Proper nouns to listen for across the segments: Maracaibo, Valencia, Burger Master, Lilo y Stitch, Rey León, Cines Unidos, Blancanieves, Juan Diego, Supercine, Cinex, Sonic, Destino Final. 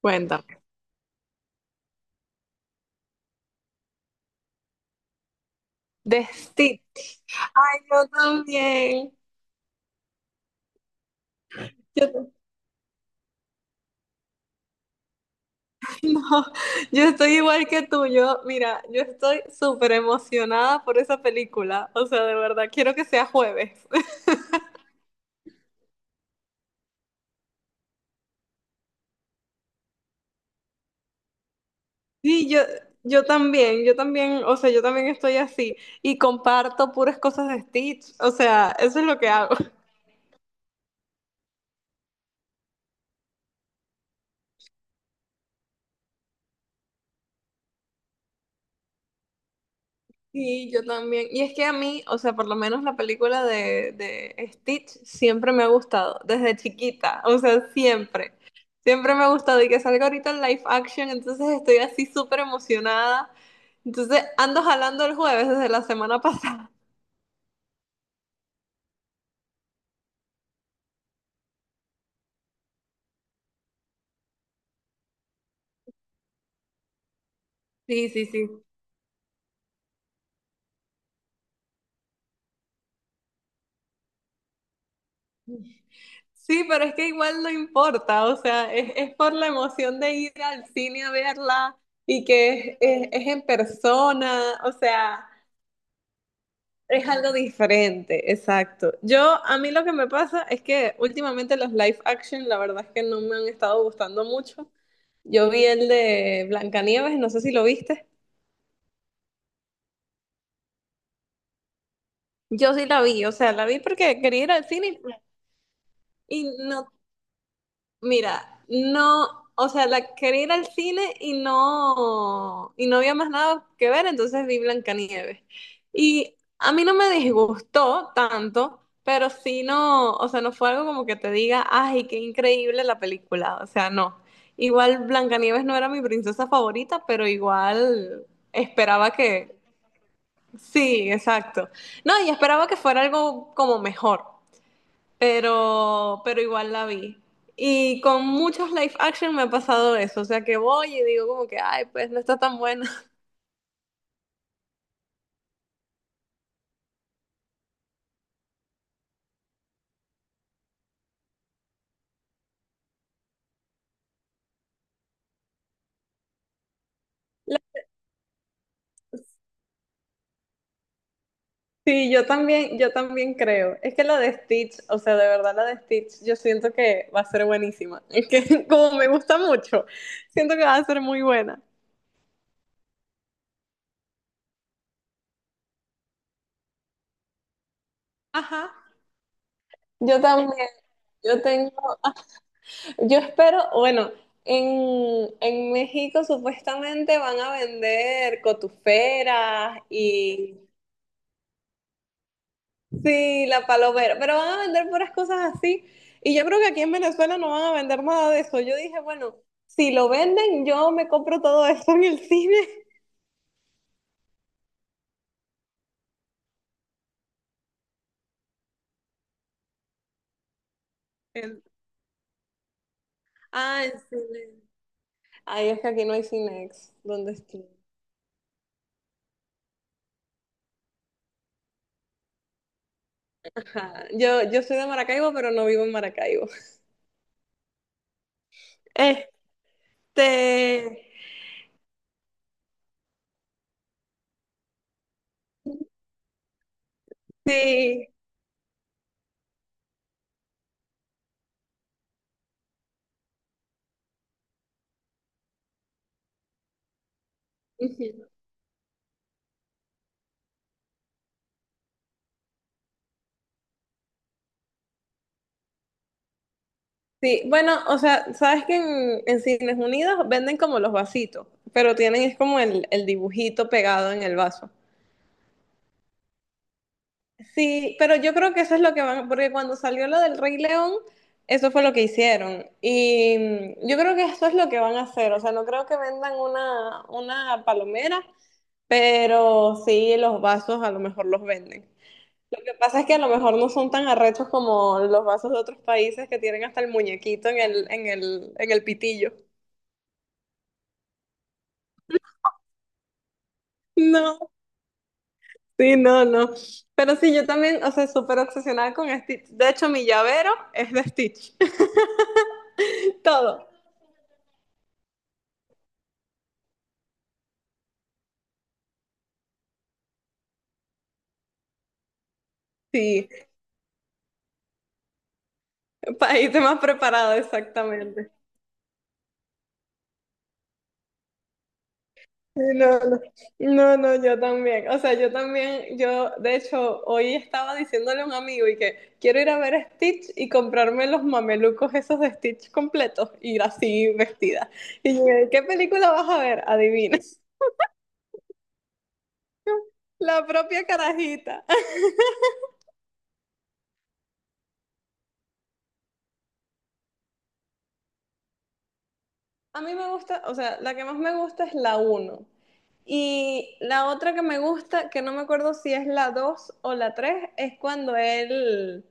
Cuéntame. Destino, yo también. Yo, t- no, yo estoy igual que tú. Yo, mira, yo estoy súper emocionada por esa película. O sea, de verdad, quiero que sea jueves. Sí, yo también, o sea, yo también estoy así y comparto puras cosas de Stitch. O sea, eso es lo que hago. Sí, yo también. Y es que a mí, o sea, por lo menos la película de Stitch siempre me ha gustado, desde chiquita, o sea, siempre. Siempre me ha gustado y que salga ahorita en live action, entonces estoy así súper emocionada. Entonces ando jalando el jueves desde la semana pasada. Sí, sí, sí. Sí, pero es que igual no importa, o sea, es por la emoción de ir al cine a verla y que es en persona, o sea. Es algo diferente, exacto. Yo, a mí lo que me pasa es que últimamente los live action, la verdad es que no me han estado gustando mucho. Yo vi el de Blancanieves, no sé si lo viste. Yo sí la vi, o sea, la vi porque quería ir al cine y no Mira, no, o sea, la quería ir al cine y no había más nada que ver, entonces vi Blancanieves. Y a mí no me disgustó tanto, pero sí no, o sea, no fue algo como que te diga, ay, qué increíble la película, o sea, no. Igual Blancanieves no era mi princesa favorita, pero igual esperaba que, sí, exacto. No, y esperaba que fuera algo como mejor, pero igual la vi. Y con muchos live action me ha pasado eso, o sea que voy y digo como que, ay, pues no está tan buena. La- Sí, yo también creo. Es que la de Stitch, o sea, de verdad la de Stitch, yo siento que va a ser buenísima. Es que como me gusta mucho, siento que va a ser muy buena. Ajá. Yo también. Yo tengo, yo espero, bueno, en México supuestamente van a vender cotuferas y... Sí, la palomera, pero van a vender puras cosas así. Y yo creo que aquí en Venezuela no van a vender nada de eso. Yo dije, bueno, si lo venden, yo me compro todo eso en el cine. El- Ah, el cine. Ay, es que aquí no hay Cinex, ¿dónde estoy? Ajá. Yo soy de Maracaibo, pero no vivo en Maracaibo. Este, sí. Ujú. Sí, bueno, o sea, sabes que en Cines Unidos venden como los vasitos, pero tienen es como el dibujito pegado en el vaso. Sí, pero yo creo que eso es lo que van, porque cuando salió lo del Rey León, eso fue lo que hicieron. Y mm, yo creo que eso es lo que van a hacer. O sea, no creo que vendan una palomera, pero sí los vasos a lo mejor los venden. Lo que pasa es que a lo mejor no son tan arrechos como los vasos de otros países que tienen hasta el muñequito en el pitillo. No, sí, no, no. Pero sí, yo también, o sea, súper obsesionada con Stitch. De hecho, mi llavero es de Stitch. Todo. Sí. País más preparado, exactamente. Sí. No, no, yo también. O sea, yo también, yo de hecho hoy estaba diciéndole a un amigo y que quiero ir a ver a Stitch y comprarme los mamelucos esos de Stitch completos, ir así vestida. Y yo, ¿qué película vas a ver? Adivina. La propia carajita. A mí me gusta, o sea, la que más me gusta es la uno. Y la otra que me gusta, que no me acuerdo si es la 2 o la 3, es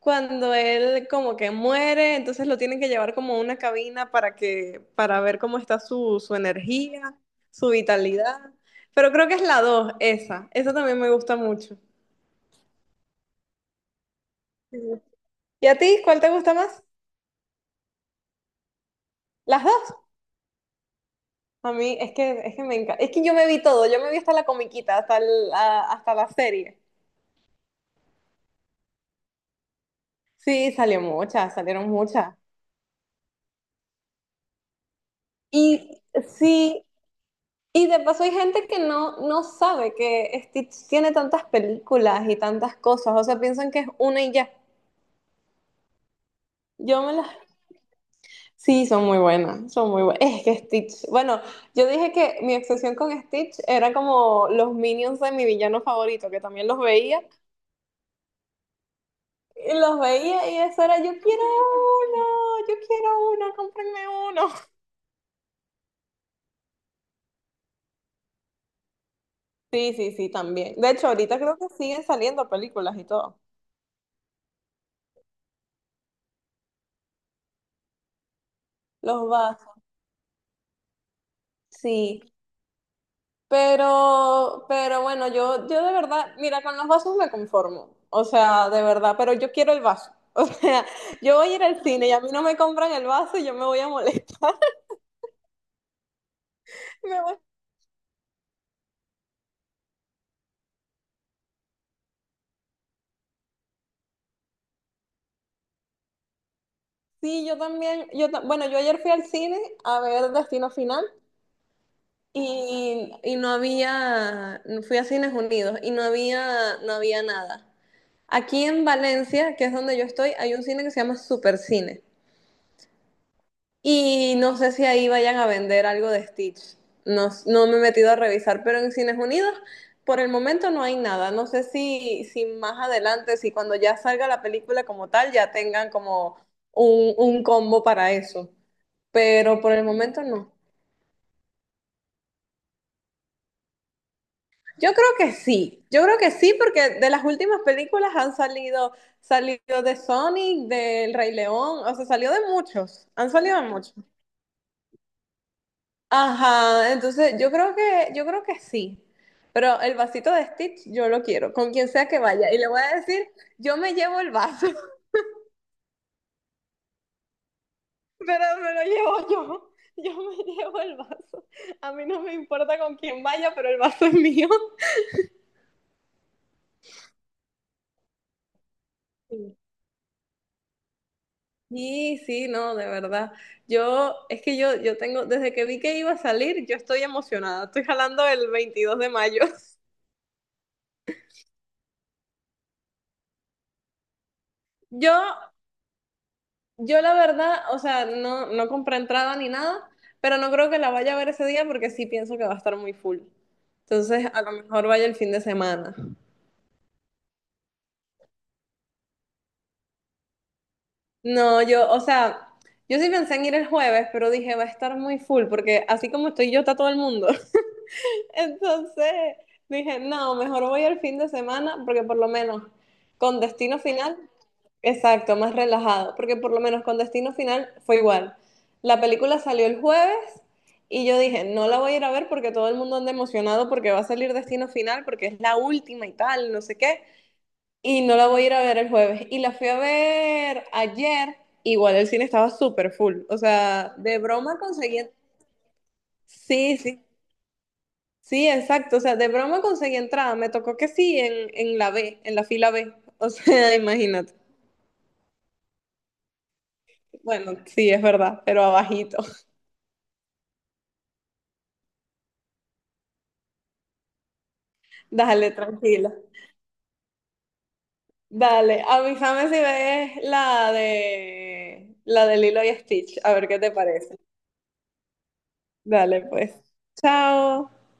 cuando él como que muere, entonces lo tienen que llevar como a una cabina para que, para ver cómo está su energía, su vitalidad. Pero creo que es la 2 esa. Esa también me gusta mucho. Ujú. ¿Y a ti cuál te gusta más? Las dos. A mí es que me encanta. Es que yo me vi todo, yo me vi hasta la comiquita, hasta la serie. Sí, salió muchas, salieron muchas. Y sí, y de paso hay gente que no, no sabe que Stitch tiene tantas películas y tantas cosas, o sea, piensan que es una y ya. Yo me las... Sí, son muy buenas, son muy buenas. Es que Stitch, bueno, yo dije que mi obsesión con Stitch era como los minions de mi villano favorito, que también los veía y eso era, uno, yo quiero uno, cómprenme uno. Sí, sí, sí, también. De hecho, ahorita creo que siguen saliendo películas y todo. Los vasos, sí. Pero bueno, yo de verdad, mira, con los vasos me conformo. O sea, de verdad, pero yo quiero el vaso. O sea, yo voy a ir al cine y a mí no me compran el vaso y yo me voy a molestar. Me voy- Sí, yo también, bueno, yo ayer fui al cine a ver Destino Final y no había, fui a Cines Unidos y no había, no había nada. Aquí en Valencia, que es donde yo estoy, hay un cine que se llama Supercine. Y no sé si ahí vayan a vender algo de Stitch. No, no me he metido a revisar, pero en Cines Unidos por el momento no hay nada. No sé si, si más adelante, si cuando ya salga la película como tal, ya tengan como un combo para eso. Pero por el momento no. Yo creo que sí. Yo creo que sí, porque de las últimas películas han salido, salido de Sonic, del Rey León, o sea, salió de muchos. Han salido de muchos. Ajá, entonces yo creo que sí. Pero el vasito de Stitch yo lo quiero, con quien sea que vaya. Y le voy a decir, yo me llevo el vaso, pero me lo llevo yo. Yo me llevo el vaso. A mí no me importa con quién vaya, pero el vaso es mío. Sí, sí, sí, no, de verdad. Yo, es que yo tengo, desde que vi que iba a salir, yo estoy emocionada. Estoy jalando el 22 de mayo. Yo Yo la verdad, o sea, no, no compré entrada ni nada, pero no creo que la vaya a ver ese día porque sí pienso que va a estar muy full. Entonces, a lo mejor vaya el fin de semana. No, yo, o sea, yo sí pensé en ir el jueves, pero dije, va a estar muy full porque así como estoy yo, está todo el mundo. Entonces, dije, no, mejor voy el fin de semana porque por lo menos con Destino Final... Exacto, más relajado, porque por lo menos con Destino Final fue igual. La película salió el jueves y yo dije, no la voy a ir a ver porque todo el mundo anda emocionado porque va a salir Destino Final, porque es la última y tal, no sé qué, y no la voy a ir a ver el jueves. Y la fui a ver ayer, igual el cine estaba súper full, o sea, de broma conseguí, sí, sí, sí, exacto, o sea, de broma conseguí entrada, me tocó que sí en la B, en la fila B, o sea, imagínate. Bueno, sí, es verdad, pero abajito. Dale, tranquila. Dale, avísame si ves la de Lilo y Stitch, a ver qué te parece. Dale, pues. Chao.